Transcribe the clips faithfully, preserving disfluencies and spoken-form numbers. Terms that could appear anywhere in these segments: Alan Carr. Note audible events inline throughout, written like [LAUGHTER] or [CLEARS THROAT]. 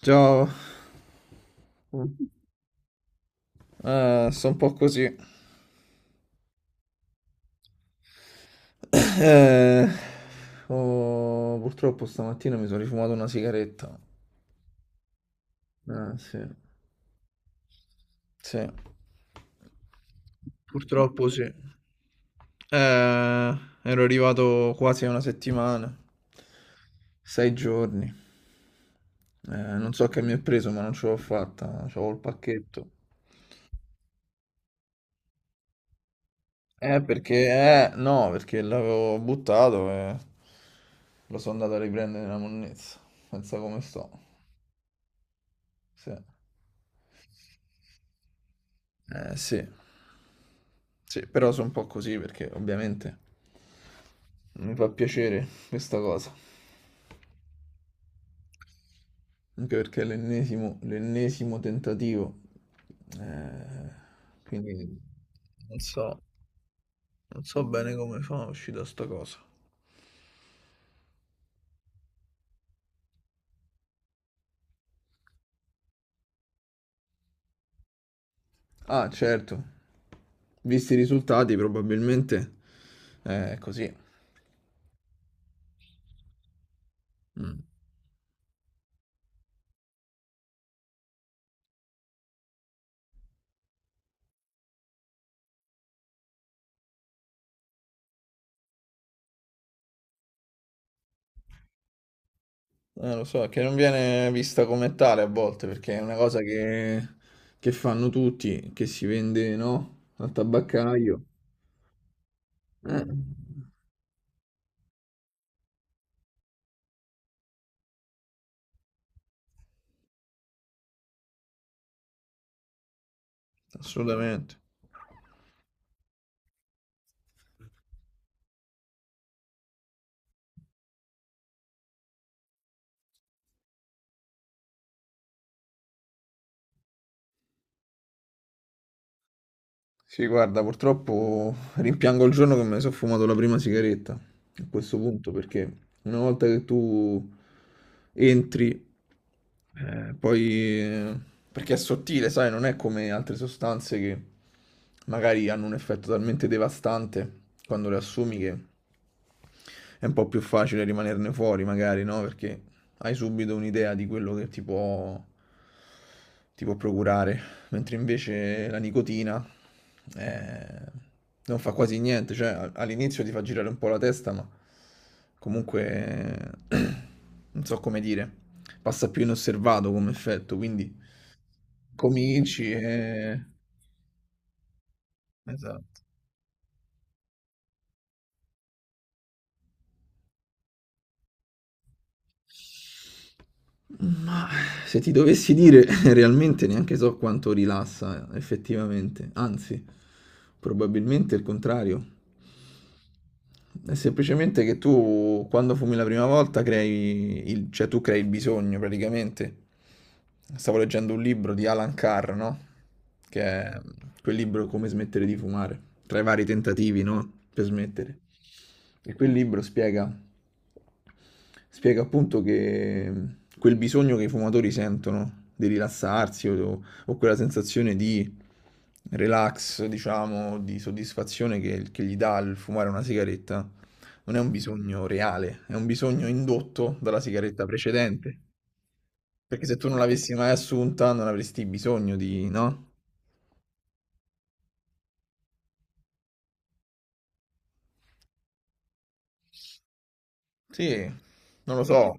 Ciao, eh, sto un po' così. [COUGHS] Eh, oh, Purtroppo stamattina mi sono rifumato una sigaretta. Eh, sì, sì, Purtroppo sì. Eh, ero arrivato quasi a una settimana, sei giorni. Eh, non so che mi è preso, ma non ce l'ho fatta, c'avevo il pacchetto. Eh, perché, eh, no, perché l'avevo buttato e lo sono andato a riprendere nella monnezza. Pensa come sto. Sì. Eh, sì. Sì, però sono un po' così perché ovviamente non mi fa piacere questa cosa. Anche perché è l'ennesimo l'ennesimo tentativo. Eh, quindi non so, non so bene come fa a uscire da sta cosa. Ah, certo. Visti i risultati, probabilmente. Eh, è così. Mm. Eh, lo so, che non viene vista come tale a volte, perché è una cosa che, che fanno tutti, che si vende, no? Al tabaccaio. Eh, Assolutamente. Sì, guarda, purtroppo rimpiango il giorno che mi sono fumato la prima sigaretta a questo punto, perché una volta che tu entri, eh, poi... eh, perché è sottile, sai, non è come altre sostanze che magari hanno un effetto talmente devastante quando le assumi che è un po' più facile rimanerne fuori, magari, no? Perché hai subito un'idea di quello che ti può, ti può procurare, mentre invece la nicotina eh, non fa quasi niente, cioè a- all'inizio ti fa girare un po' la testa, ma comunque [CLEARS THROAT] non so come dire, passa più inosservato come effetto, quindi cominci e... Esatto. Ma se ti dovessi dire, [LAUGHS] realmente neanche so quanto rilassa effettivamente, anzi, probabilmente il contrario. È semplicemente che tu, quando fumi la prima volta, crei il, cioè tu crei il bisogno praticamente. Stavo leggendo un libro di Alan Carr, no? Che è quel libro Come smettere di fumare, tra i vari tentativi, no? Per smettere. E quel libro spiega. Spiega appunto che mm, quel bisogno che i fumatori sentono di rilassarsi o, o quella sensazione di relax, diciamo, di soddisfazione che, che gli dà il fumare una sigaretta, non è un bisogno reale, è un bisogno indotto dalla sigaretta precedente. Perché se tu non l'avessi mai assunta, non avresti bisogno di, no? Sì, non lo so.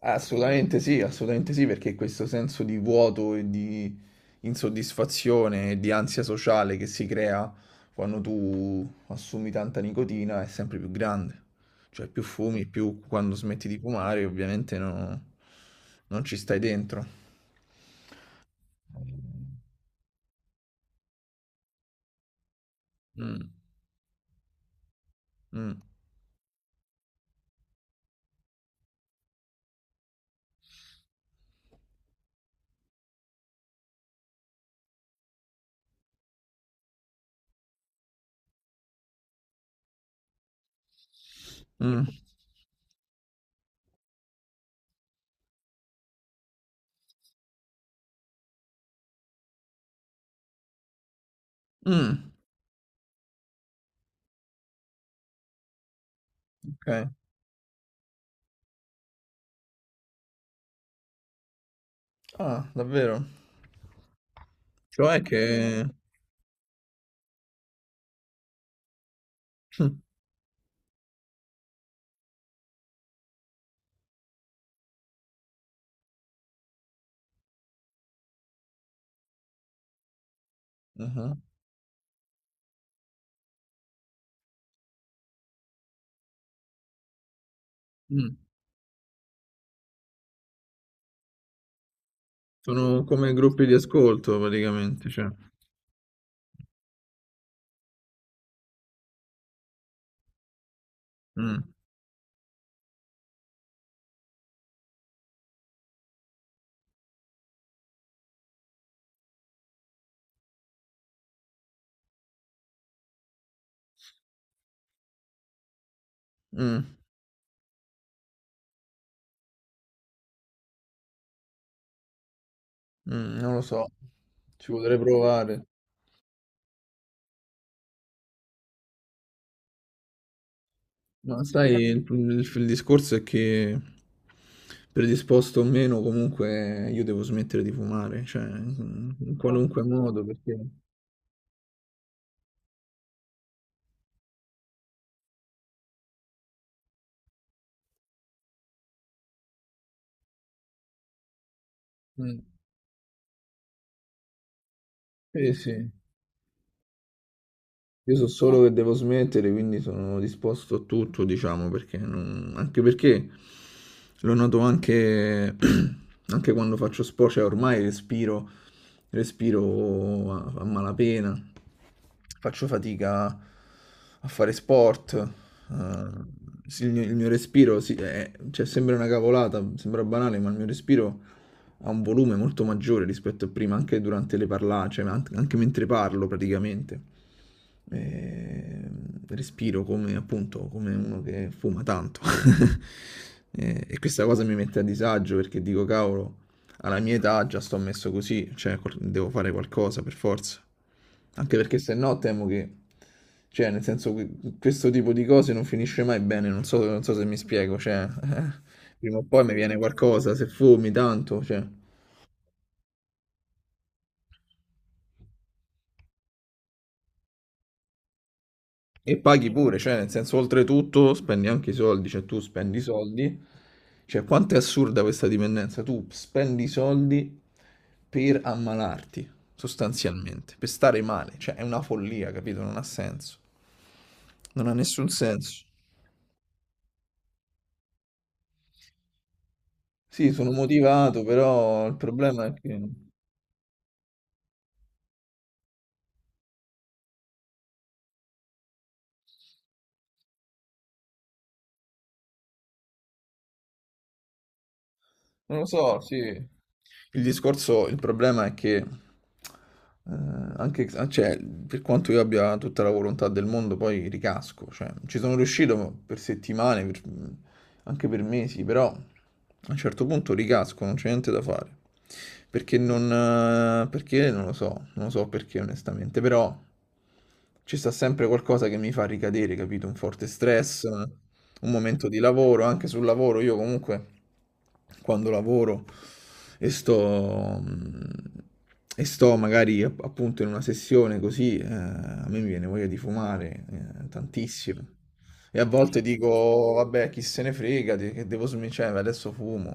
Assolutamente sì, assolutamente sì, perché questo senso di vuoto e di insoddisfazione e di ansia sociale che si crea quando tu assumi tanta nicotina è sempre più grande. Cioè più fumi, più quando smetti di fumare ovviamente no- non ci stai dentro. Mm, mm, mm, mm, ok. Ah, davvero? Cioè che... [LAUGHS] Mm, mhm, mm. Sono come gruppi di ascolto praticamente, cioè. Mm, mm. Mm, non lo so, ci potrei provare. Ma sai, il, il- il discorso è che predisposto o meno, comunque io devo smettere di fumare, cioè in in qualunque modo, perché... Mm, sì, sì. Io so solo che devo smettere, quindi sono disposto a tutto, diciamo, perché non- anche perché lo noto anche, [CLEARS THROAT] anche quando faccio sport, cioè ormai respiro, respiro a, a malapena, faccio fatica a fare sport, eh, sì, il mio, il mio respiro, sì, è- cioè, sembra una cavolata, sembra banale, ma il mio respiro ha un volume molto maggiore rispetto a prima, anche durante le parlare, cioè an- anche mentre parlo praticamente. Eh, Respiro come appunto come uno che fuma tanto. [LAUGHS] Eh, e questa cosa mi mette a disagio perché dico, cavolo, alla mia età già sto messo così, cioè col- devo fare qualcosa per forza. Anche perché se no temo che, cioè, nel senso, que- questo tipo di cose non finisce mai bene, non so, non so se mi spiego, cioè, [LAUGHS] eh, prima o poi mi viene qualcosa, se fumi tanto, cioè. E paghi pure, cioè, nel senso, oltretutto spendi anche i soldi, cioè tu spendi i soldi. Cioè, quanto è assurda questa dipendenza? Tu spendi soldi per ammalarti, sostanzialmente, per stare male. Cioè, è una follia, capito? Non ha senso. Non ha nessun senso. Sì, sono motivato, però il problema è che... Non lo so, sì. Il discorso, il problema è che, eh, anche, cioè, per quanto io abbia tutta la volontà del mondo, poi ricasco. Cioè, ci sono riuscito per settimane, per- anche per mesi, però a un certo punto ricasco, non c'è niente da fare. Perché non, eh, perché non lo so, non lo so perché onestamente, però ci sta sempre qualcosa che mi fa ricadere, capito? Un forte stress, un momento di lavoro, anche sul lavoro. Io comunque quando lavoro e sto, e sto magari app- appunto in una sessione così, eh, a me mi viene voglia di fumare, eh, tantissimo. E a volte dico, vabbè, chi se ne frega, de- che devo smettere, adesso fumo,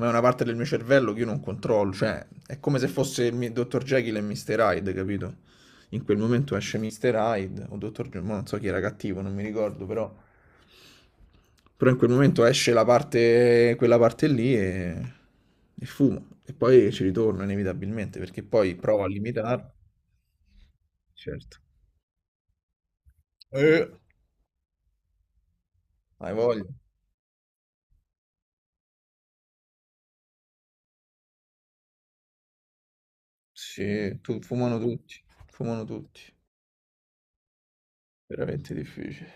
ma è una parte del mio cervello che io non controllo, cioè è come se fosse il mi- dottor Jekyll e mister Hyde, capito? In quel momento esce mister Hyde o dottor Jekyll, ma non so chi era cattivo, non mi ricordo, però però in quel momento esce la parte, quella parte lì e, e fumo e poi ci ritorno inevitabilmente perché poi provo a limitarlo. Certo. Eh, hai voglia? Sì, tu, fumano tutti, fumano tutti, veramente difficile.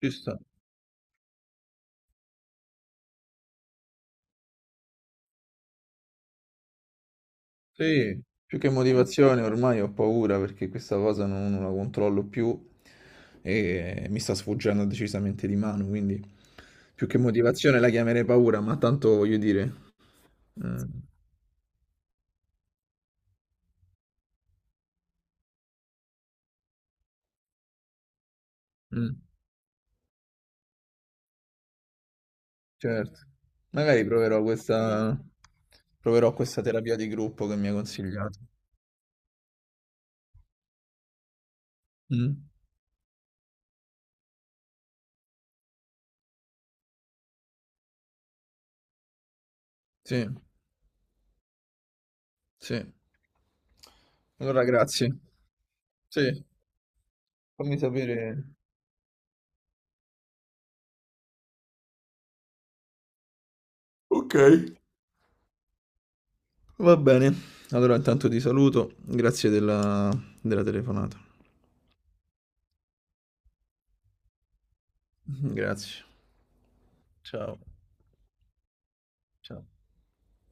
Ci sta. Sì, più che motivazione ormai ho paura perché questa cosa non, non la controllo più e mi sta sfuggendo decisamente di mano, quindi più che motivazione la chiamerei paura, ma tanto voglio dire, eh, mm, certo, magari proverò questa, proverò questa terapia di gruppo che mi hai consigliato. Mm, sì, sì. Allora grazie. Sì, fammi sapere. Ok. Va bene, allora intanto ti saluto, grazie della, della telefonata. Grazie. Ciao. Ciao.